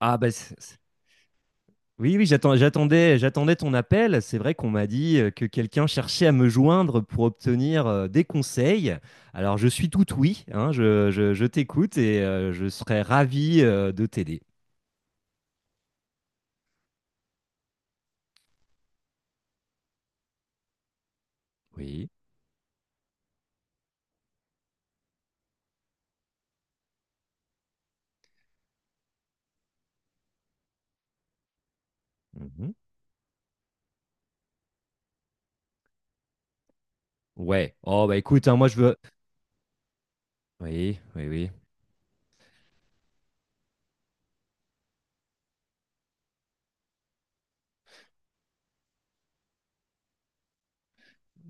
Ah bah oui, oui, j'attendais, ton appel. C'est vrai qu'on m'a dit que quelqu'un cherchait à me joindre pour obtenir des conseils. Alors je suis tout oui, hein, je t'écoute et je serais ravi de t'aider. Oui. Mhm. Ouais, oh bah écoute, hein, moi je veux. Oui, oui, oui.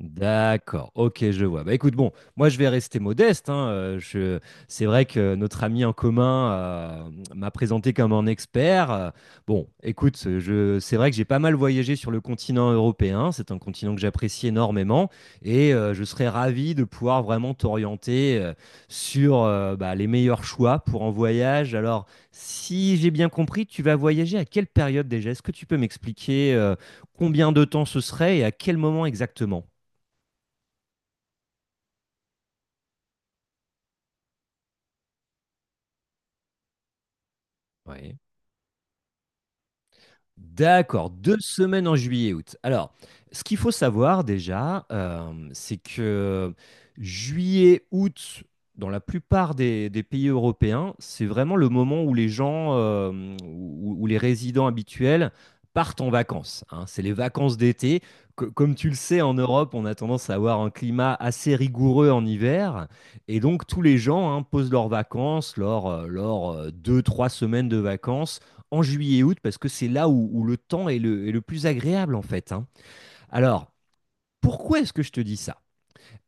D'accord, ok, je vois. Bah écoute, bon, moi je vais rester modeste, hein, c'est vrai que notre ami en commun m'a présenté comme un expert. Écoute, c'est vrai que j'ai pas mal voyagé sur le continent européen. C'est un continent que j'apprécie énormément et je serais ravi de pouvoir vraiment t'orienter sur bah, les meilleurs choix pour un voyage. Alors, si j'ai bien compris, tu vas voyager à quelle période déjà? Est-ce que tu peux m'expliquer combien de temps ce serait et à quel moment exactement? Oui. D'accord, deux semaines en juillet-août. Alors, ce qu'il faut savoir déjà, c'est que juillet-août, dans la plupart des pays européens, c'est vraiment le moment où les gens, où les résidents habituels partent en vacances, hein. C'est les vacances d'été. Comme tu le sais, en Europe, on a tendance à avoir un climat assez rigoureux en hiver. Et donc, tous les gens, hein, posent leurs vacances, leurs, leurs deux, trois semaines de vacances en juillet et août parce que c'est là où le temps est est le plus agréable en fait, hein. Alors, pourquoi est-ce que je te dis ça?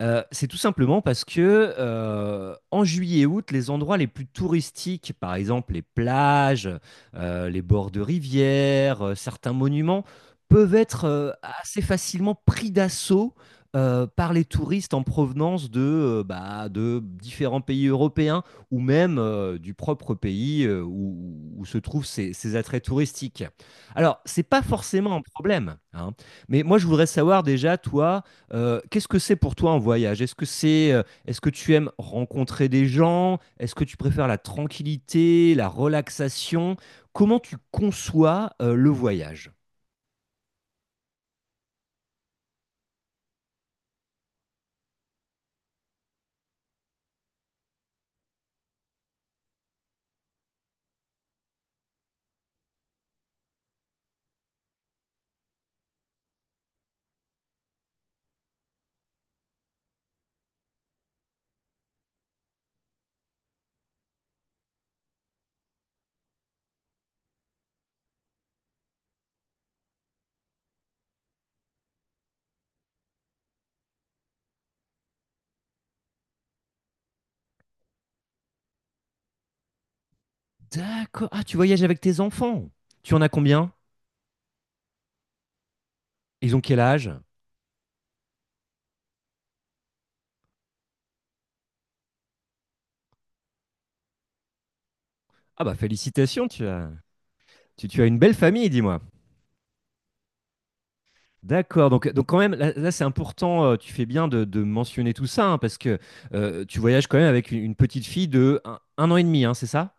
C'est tout simplement parce que en juillet-août, et août, les endroits les plus touristiques, par exemple les plages, les bords de rivières, certains monuments, peuvent être assez facilement pris d'assaut par les touristes en provenance bah, de différents pays européens ou même du propre pays où se trouvent ces attraits touristiques. Alors, c'est pas forcément un problème, hein, mais moi je voudrais savoir déjà, toi, qu'est-ce que c'est pour toi un voyage? Est-ce que est-ce que tu aimes rencontrer des gens? Est-ce que tu préfères la tranquillité, la relaxation? Comment tu conçois, le voyage? D'accord. Ah, tu voyages avec tes enfants. Tu en as combien? Ils ont quel âge? Ah bah félicitations, tu, tu as une belle famille, dis-moi. D'accord, donc quand même, là, c'est important, tu fais bien de mentionner tout ça, hein, parce que tu voyages quand même avec une petite fille de un an et demi, hein, c'est ça?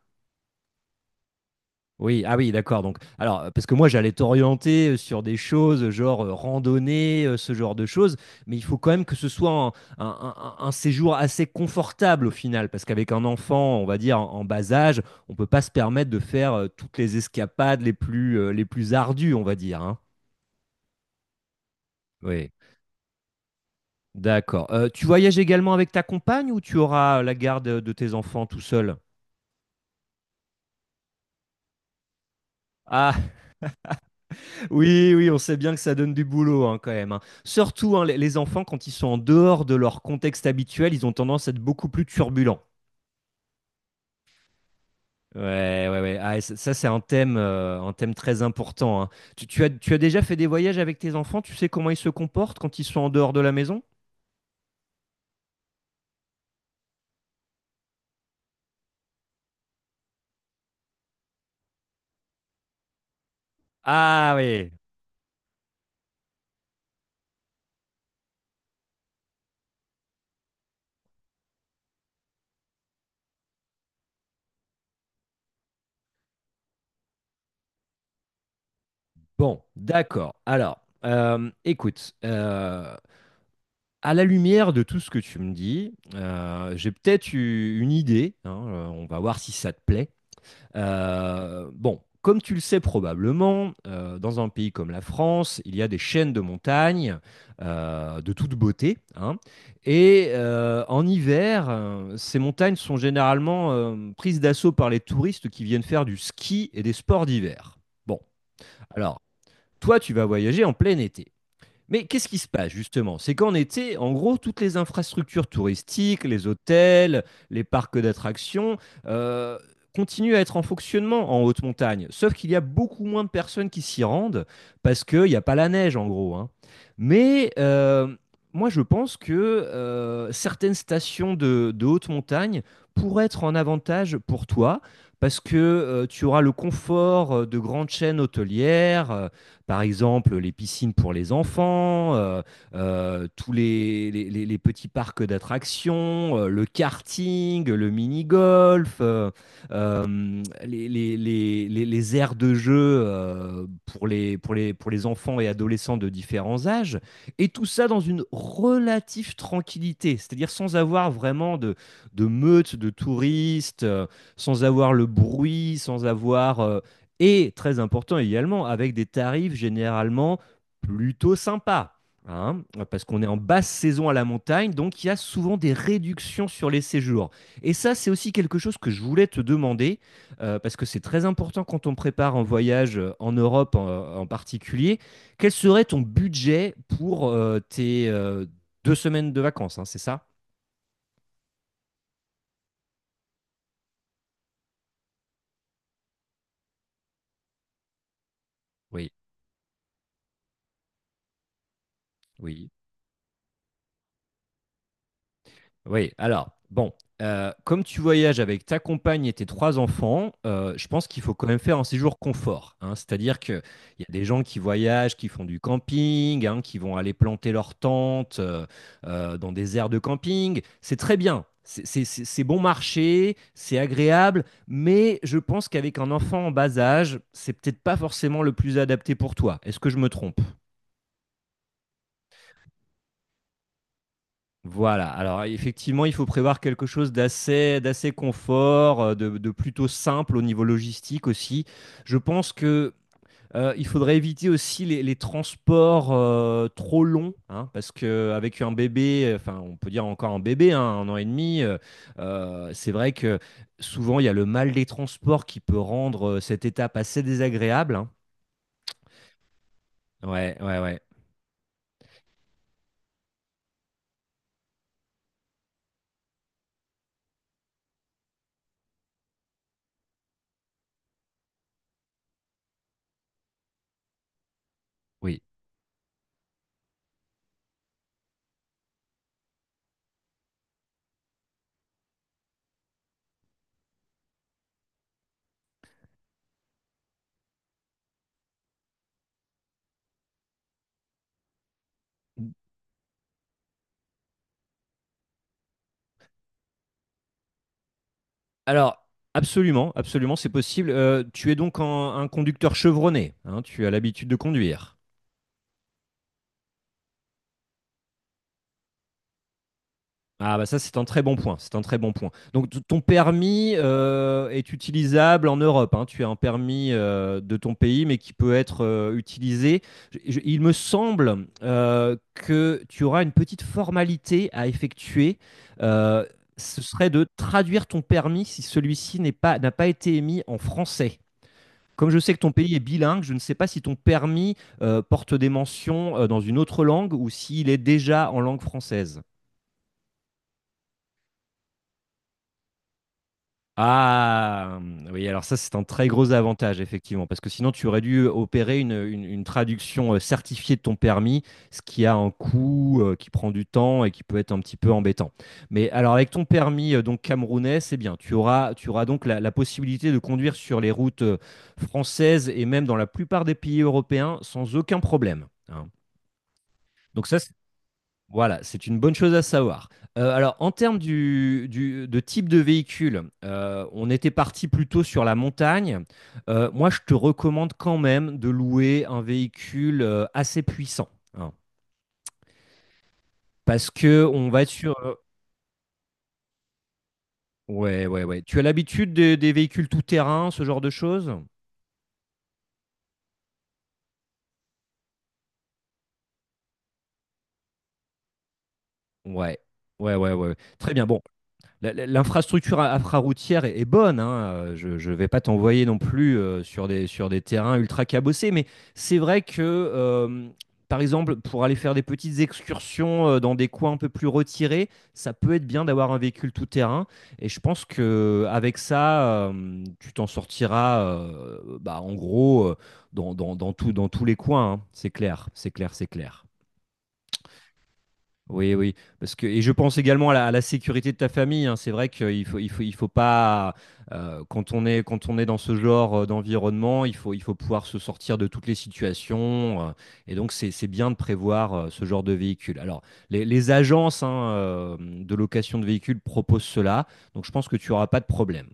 Oui, ah oui, d'accord. Donc, alors, parce que moi, j'allais t'orienter sur des choses, genre randonnée, ce genre de choses, mais il faut quand même que ce soit un séjour assez confortable au final, parce qu'avec un enfant, on va dire, en bas âge, on peut pas se permettre de faire toutes les escapades les plus ardues, on va dire, hein. Oui, d'accord. Tu voyages également avec ta compagne ou tu auras la garde de tes enfants tout seul? Ah, oui, oui, on sait bien que ça donne du boulot hein, quand même, hein. Surtout hein, les enfants, quand ils sont en dehors de leur contexte habituel, ils ont tendance à être beaucoup plus turbulents. Ouais, ouais, ouais. Ah, et ça, c'est un thème très important, hein. Tu as déjà fait des voyages avec tes enfants? Tu sais comment ils se comportent quand ils sont en dehors de la maison? Ah oui. Bon, d'accord. Écoute, à la lumière de tout ce que tu me dis, j'ai peut-être eu une idée, hein. On va voir si ça te plaît. Bon, comme tu le sais probablement, dans un pays comme la France, il y a des chaînes de montagnes de toute beauté, hein. Et en hiver, ces montagnes sont généralement prises d'assaut par les touristes qui viennent faire du ski et des sports d'hiver. Bon, alors, toi, tu vas voyager en plein été. Mais qu'est-ce qui se passe justement? C'est qu'en été, en gros, toutes les infrastructures touristiques, les hôtels, les parcs d'attractions, euh, continuent à être en fonctionnement en haute montagne. Sauf qu'il y a beaucoup moins de personnes qui s'y rendent parce qu'il n'y a pas la neige en gros, hein. Mais moi, je pense que certaines stations de haute montagne pourraient être en avantage pour toi parce que tu auras le confort de grandes chaînes hôtelières. Par exemple les piscines pour les enfants, tous les petits parcs d'attractions, le karting, le mini-golf, les aires de jeu pour pour les enfants et adolescents de différents âges, et tout ça dans une relative tranquillité, c'est-à-dire sans avoir vraiment de meute de touristes, sans avoir le bruit, sans avoir et très important également, avec des tarifs généralement plutôt sympas, hein, parce qu'on est en basse saison à la montagne, donc il y a souvent des réductions sur les séjours. Et ça, c'est aussi quelque chose que je voulais te demander, parce que c'est très important quand on prépare un voyage en particulier. Quel serait ton budget pour tes deux semaines de vacances, hein, c'est ça? Oui, oui. Oui, alors, bon, comme tu voyages avec ta compagne et tes trois enfants, je pense qu'il faut quand même faire un séjour confort, hein. C'est-à-dire qu'il y a des gens qui voyagent, qui font du camping, hein, qui vont aller planter leur tente dans des aires de camping. C'est très bien. C'est bon marché, c'est agréable, mais je pense qu'avec un enfant en bas âge, c'est peut-être pas forcément le plus adapté pour toi. Est-ce que je me trompe? Voilà, alors effectivement, il faut prévoir quelque chose d'assez confort, de plutôt simple au niveau logistique aussi. Je pense que il faudrait éviter aussi les transports trop longs, hein, parce que avec un bébé, enfin on peut dire encore un bébé, hein, un an et demi, c'est vrai que souvent il y a le mal des transports qui peut rendre cette étape assez désagréable, hein. Ouais, ouais, ouais, oui. Alors, absolument, absolument, c'est possible. Tu es donc un conducteur chevronné, hein, tu as l'habitude de conduire. Ah bah ça c'est un très bon point, c'est un très bon point. Donc ton permis est utilisable en Europe, hein, tu as un permis de ton pays mais qui peut être utilisé. Il me semble que tu auras une petite formalité à effectuer. Euh, Ce serait de traduire ton permis si celui-ci n'est pas, n'a pas été émis en français. Comme je sais que ton pays est bilingue, je ne sais pas si ton permis porte des mentions dans une autre langue ou s'il est déjà en langue française. Ah, oui, alors ça, c'est un très gros avantage, effectivement, parce que sinon, tu aurais dû opérer une traduction certifiée de ton permis, ce qui a un coût, qui prend du temps et qui peut être un petit peu embêtant. Mais alors, avec ton permis donc camerounais, c'est bien. Tu auras donc la possibilité de conduire sur les routes françaises et même dans la plupart des pays européens sans aucun problème, hein. Donc ça, voilà, c'est une bonne chose à savoir. Alors, en termes de type de véhicule, on était parti plutôt sur la montagne. Moi, je te recommande quand même de louer un véhicule assez puissant, hein, parce que on va être ouais, ouais, ouais. Tu as l'habitude des véhicules tout-terrain, ce genre de choses? Ouais, ouais, ouais, ouais. Très bien. Bon. L'infrastructure infraroutière est bonne, hein. Je ne vais pas t'envoyer non plus sur sur des terrains ultra cabossés, mais c'est vrai que, par exemple, pour aller faire des petites excursions dans des coins un peu plus retirés, ça peut être bien d'avoir un véhicule tout-terrain. Et je pense que avec ça, tu t'en sortiras, bah, en gros, dans tous les coins, hein. C'est clair, c'est clair, c'est clair. Oui, oui, parce que et je pense également à à la sécurité de ta famille, hein. C'est vrai qu'il faut, il faut pas quand on est dans ce genre d'environnement, il faut pouvoir se sortir de toutes les situations. Et donc c'est bien de prévoir ce genre de véhicule. Alors les agences hein, de location de véhicules proposent cela, donc je pense que tu auras pas de problème.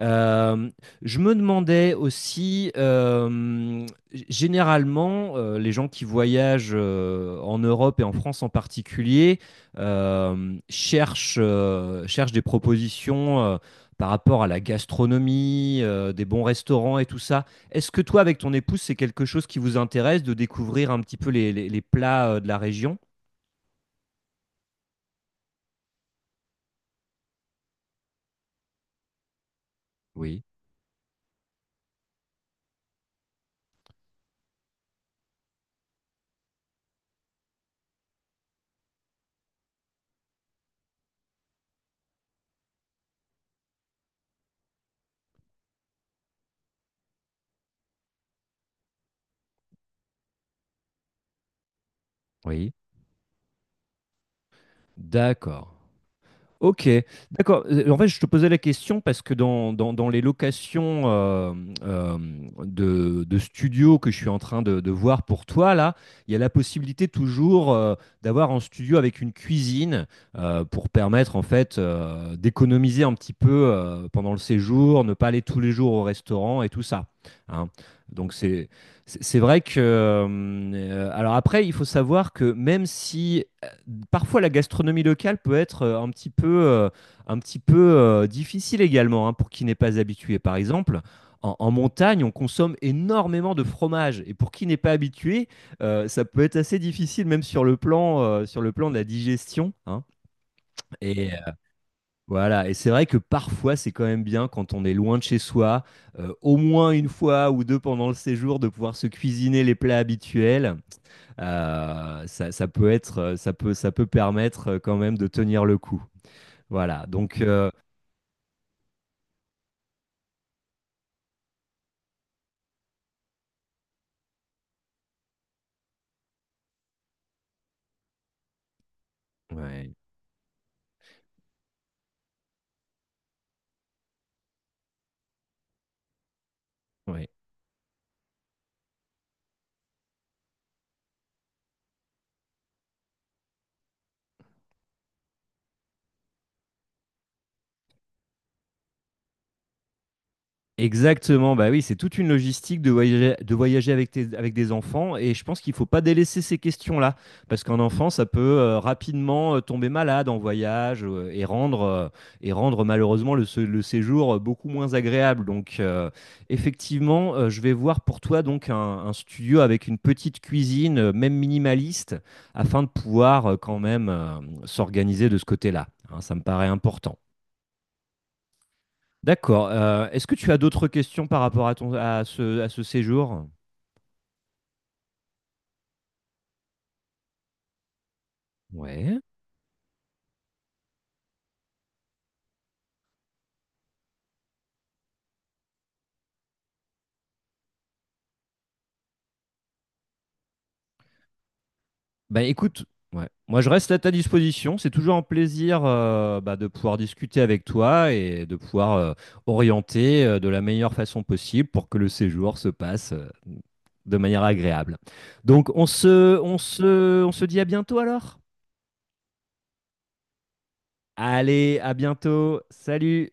Euh, je me demandais aussi, généralement, les gens qui voyagent en Europe et en France en particulier cherchent des propositions par rapport à la gastronomie, des bons restaurants et tout ça. Est-ce que toi, avec ton épouse, c'est quelque chose qui vous intéresse de découvrir un petit peu les plats de la région? Oui, oui. D'accord. Ok, d'accord. En fait, je te posais la question parce que dans les locations euh, de studios que je suis en train de voir pour toi, là, il y a la possibilité toujours d'avoir un studio avec une cuisine pour permettre en fait d'économiser un petit peu pendant le séjour, ne pas aller tous les jours au restaurant et tout ça, hein. Donc c'est vrai que alors après, il faut savoir que même si parfois la gastronomie locale peut être un petit peu difficile également hein, pour qui n'est pas habitué. Par exemple, en montagne, on consomme énormément de fromage et pour qui n'est pas habitué, ça peut être assez difficile même sur le plan de la digestion, hein. Et, voilà, et c'est vrai que parfois, c'est quand même bien quand on est loin de chez soi, au moins une fois ou 2 pendant le séjour, de pouvoir se cuisiner les plats habituels. Ça peut être, ça peut permettre, quand même de tenir le coup. Voilà, ouais, ouais. Exactement, bah oui, c'est toute une logistique de voyager avec, avec des enfants et je pense qu'il ne faut pas délaisser ces questions-là parce qu'un enfant, ça peut rapidement tomber malade en voyage et rendre malheureusement le séjour beaucoup moins agréable. Donc effectivement, je vais voir pour toi donc un studio avec une petite cuisine, même minimaliste, afin de pouvoir quand même s'organiser de ce côté-là, hein. Ça me paraît important. D'accord. Est-ce que tu as d'autres questions par rapport à ton à ce séjour? Ouais, bah écoute, ouais. Moi je reste à ta disposition. C'est toujours un plaisir bah, de pouvoir discuter avec toi et de pouvoir orienter de la meilleure façon possible pour que le séjour se passe de manière agréable. Donc on se dit à bientôt alors. Allez, à bientôt. Salut.